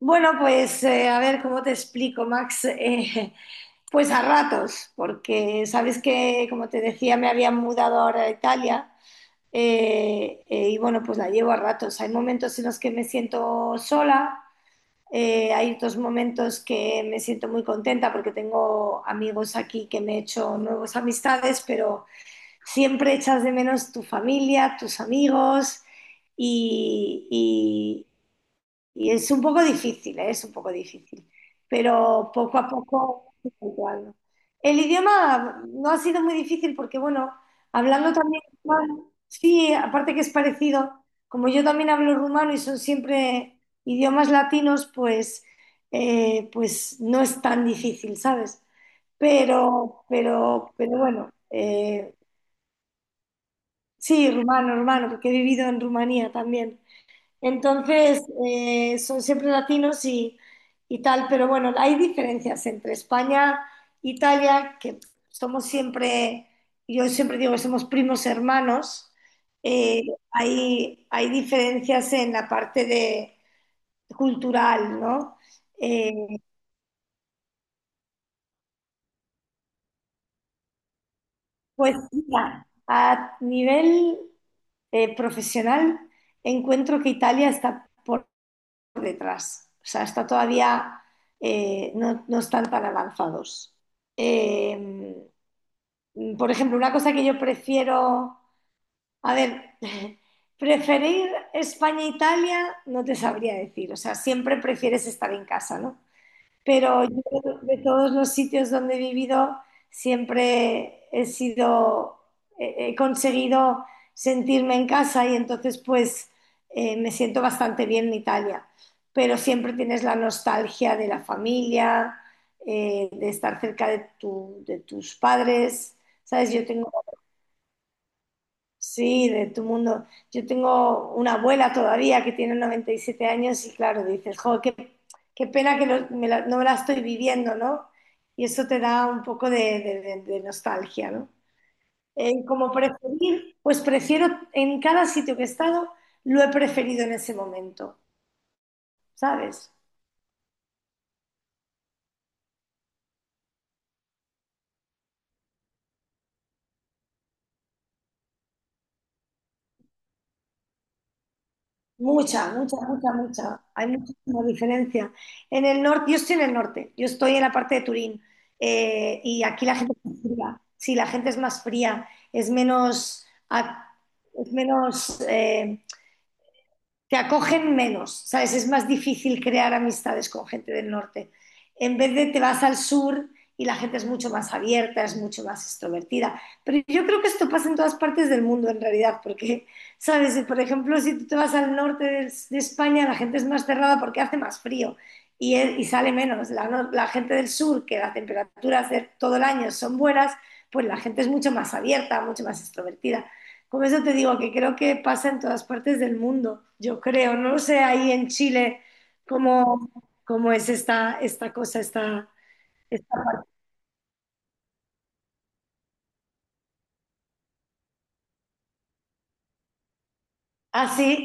Bueno, pues a ver cómo te explico, Max. Pues a ratos, porque sabes que, como te decía, me había mudado ahora a Italia, y bueno, pues la llevo a ratos. Hay momentos en los que me siento sola, hay otros momentos que me siento muy contenta porque tengo amigos aquí, que me he hecho nuevas amistades, pero siempre echas de menos tu familia, tus amigos, y, y es un poco difícil, ¿eh? Es un poco difícil, pero poco a poco estoy habituando. El idioma no ha sido muy difícil porque, bueno, hablando también rumano, sí, aparte que es parecido, como yo también hablo rumano y son siempre idiomas latinos, pues, pues no es tan difícil, ¿sabes? Pero bueno, sí, rumano, rumano, porque he vivido en Rumanía también. Entonces, son siempre latinos y tal, pero bueno, hay diferencias entre España e Italia, que somos siempre, yo siempre digo que somos primos hermanos. eh, hay diferencias en la parte de, cultural, ¿no? Eh, pues mira, a nivel profesional, encuentro que Italia está por detrás. O sea, está todavía, no, no están tan avanzados. Eh, por ejemplo, una cosa que yo prefiero, a ver, preferir España e Italia, no te sabría decir. O sea, siempre prefieres estar en casa, ¿no? Pero yo, de todos los sitios donde he vivido, siempre he sido, he conseguido sentirme en casa, y entonces, pues me siento bastante bien en Italia. Pero siempre tienes la nostalgia de la familia, de estar cerca de de tus padres. ¿Sabes? Yo tengo Sí, de tu mundo. Yo tengo una abuela todavía que tiene 97 años, y claro, dices, jo, qué pena que no me la estoy viviendo, ¿no? Y eso te da un poco de nostalgia, ¿no? Como preferir, pues prefiero, en cada sitio que he estado, lo he preferido en ese momento, ¿sabes? Mucha, mucha, mucha, mucha. Hay muchísima diferencia. En el norte, yo estoy en el norte, yo estoy en la parte de Turín, y aquí la gente es más fría. Sí, la gente es más fría, es menos, es menos eh, te acogen menos, ¿sabes? Es más difícil crear amistades con gente del norte. En vez de te vas al sur, y la gente es mucho más abierta, es mucho más extrovertida. Pero yo creo que esto pasa en todas partes del mundo, en realidad, porque, ¿sabes? Por ejemplo, si tú te vas al norte de, España, la gente es más cerrada porque hace más frío, y sale menos. La, no- la gente del sur, que las temperaturas de todo el año son buenas, pues la gente es mucho más abierta, mucho más extrovertida. Por eso te digo que creo que pasa en todas partes del mundo, yo creo. No lo sé ahí en Chile cómo, cómo es esta, cosa, esta... así.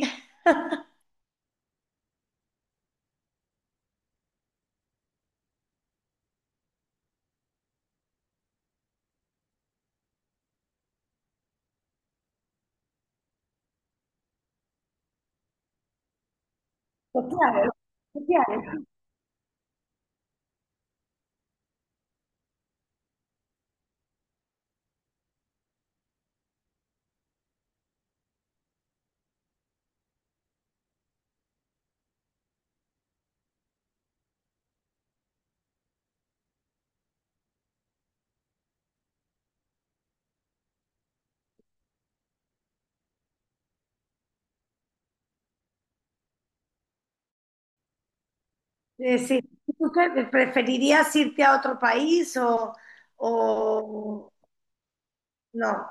Claro, claro. Sí. ¿Tú preferirías irte a otro país, o no?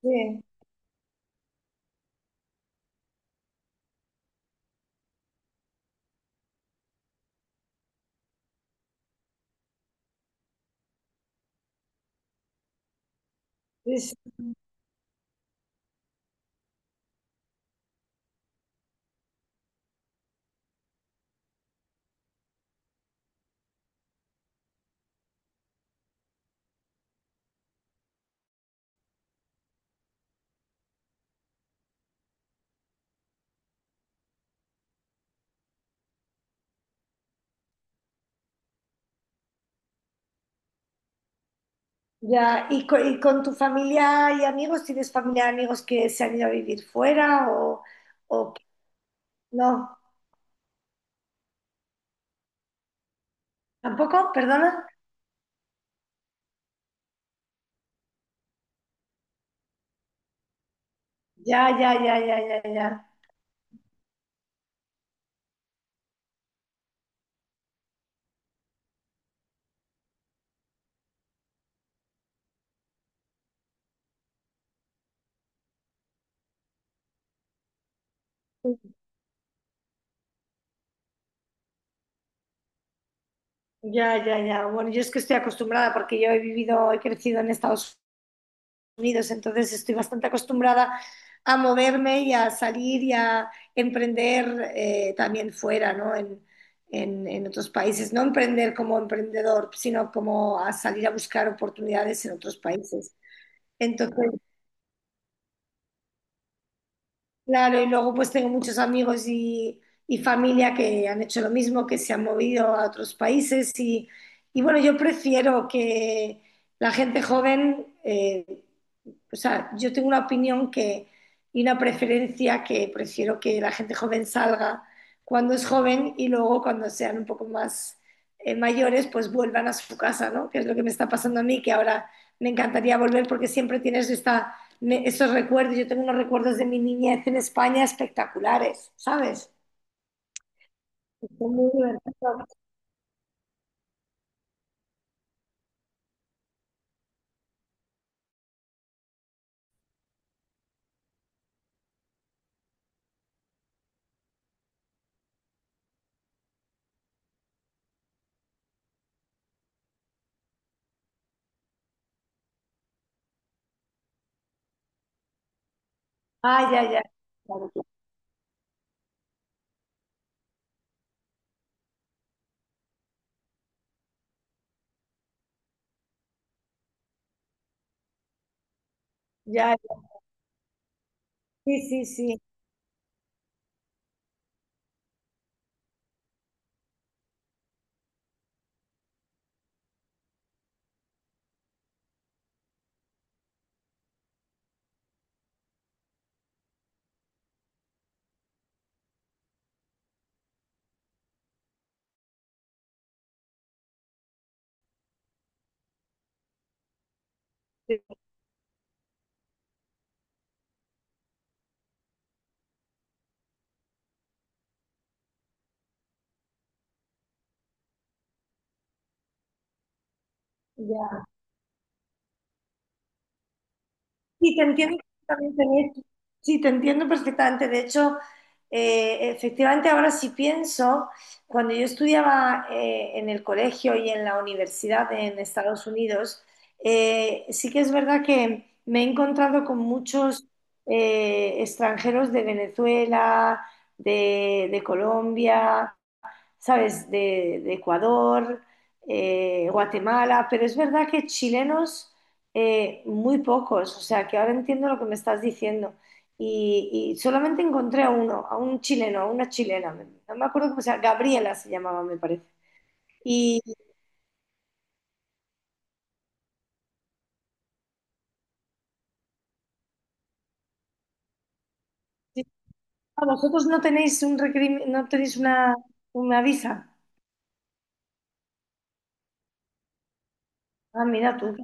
Sí, sí, sí. Ya, ¿y con tu familia y amigos? ¿Tienes familia y amigos que se han ido a vivir fuera, o no? ¿Tampoco? ¿Perdona? Ya, ya, ya, ya, ya, ya. Ya, ya, ya. Bueno, yo es que estoy acostumbrada, porque yo he vivido, he crecido en Estados Unidos, entonces estoy bastante acostumbrada a moverme y a salir y a emprender, también fuera, ¿no? En otros países. No emprender como emprendedor, sino como a salir a buscar oportunidades en otros países. Entonces. Claro, y luego pues tengo muchos amigos y familia que han hecho lo mismo, que se han movido a otros países y bueno, yo prefiero que la gente joven, o sea, yo tengo una opinión, que, y una preferencia, que prefiero que la gente joven salga cuando es joven, y luego cuando sean un poco más mayores, pues vuelvan a su casa, ¿no? Que es lo que me está pasando a mí, que ahora me encantaría volver, porque siempre tienes esta, esos recuerdos. Yo tengo unos recuerdos de mi niñez en España espectaculares, ¿sabes? Estoy muy divertido. Ah, ya, ya. Ya, sí, sí, sí. Sí. Ya. Sí, te entiendo perfectamente en esto. Sí, te entiendo perfectamente. De hecho, efectivamente, ahora sí pienso, cuando yo estudiaba, en el colegio y en la universidad en Estados Unidos, sí que es verdad que me he encontrado con muchos, extranjeros de Venezuela, de, Colombia, ¿sabes? De, Ecuador, Guatemala, pero es verdad que chilenos, muy pocos, o sea que ahora entiendo lo que me estás diciendo. Y solamente encontré a uno, a un chileno, a una chilena, no me acuerdo cómo se llama, Gabriela se llamaba, me parece. Y sí. Ah, vosotros no tenéis una visa. Ah, mira tú.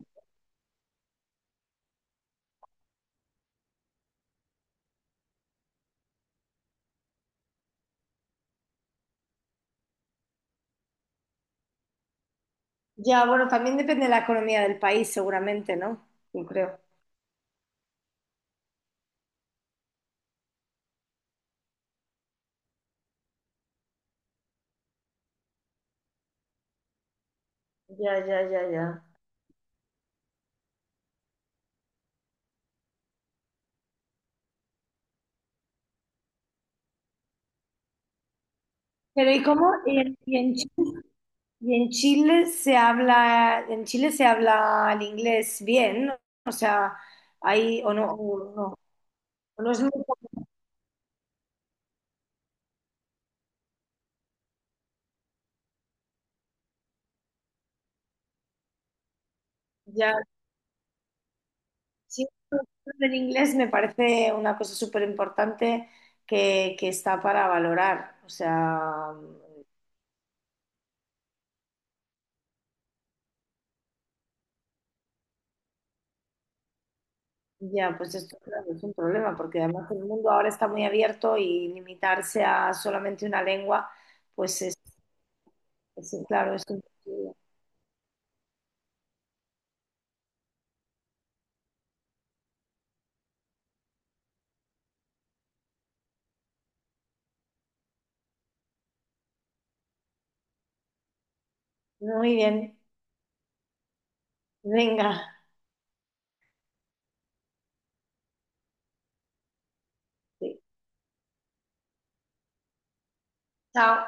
Ya, bueno, también depende de la economía del país, seguramente, ¿no? Yo creo. Ya, ya, ya, ya. Pero ¿y cómo? ¿Y en Chile se habla, el inglés bien, ¿no? O sea, ahí, o no es muy, ya. Sí, el inglés me parece una cosa súper importante, que está para valorar. O sea, ya, pues esto claro, es un problema, porque además el mundo ahora está muy abierto, y limitarse a solamente una lengua, pues es claro, Muy bien, venga, sí. Chao.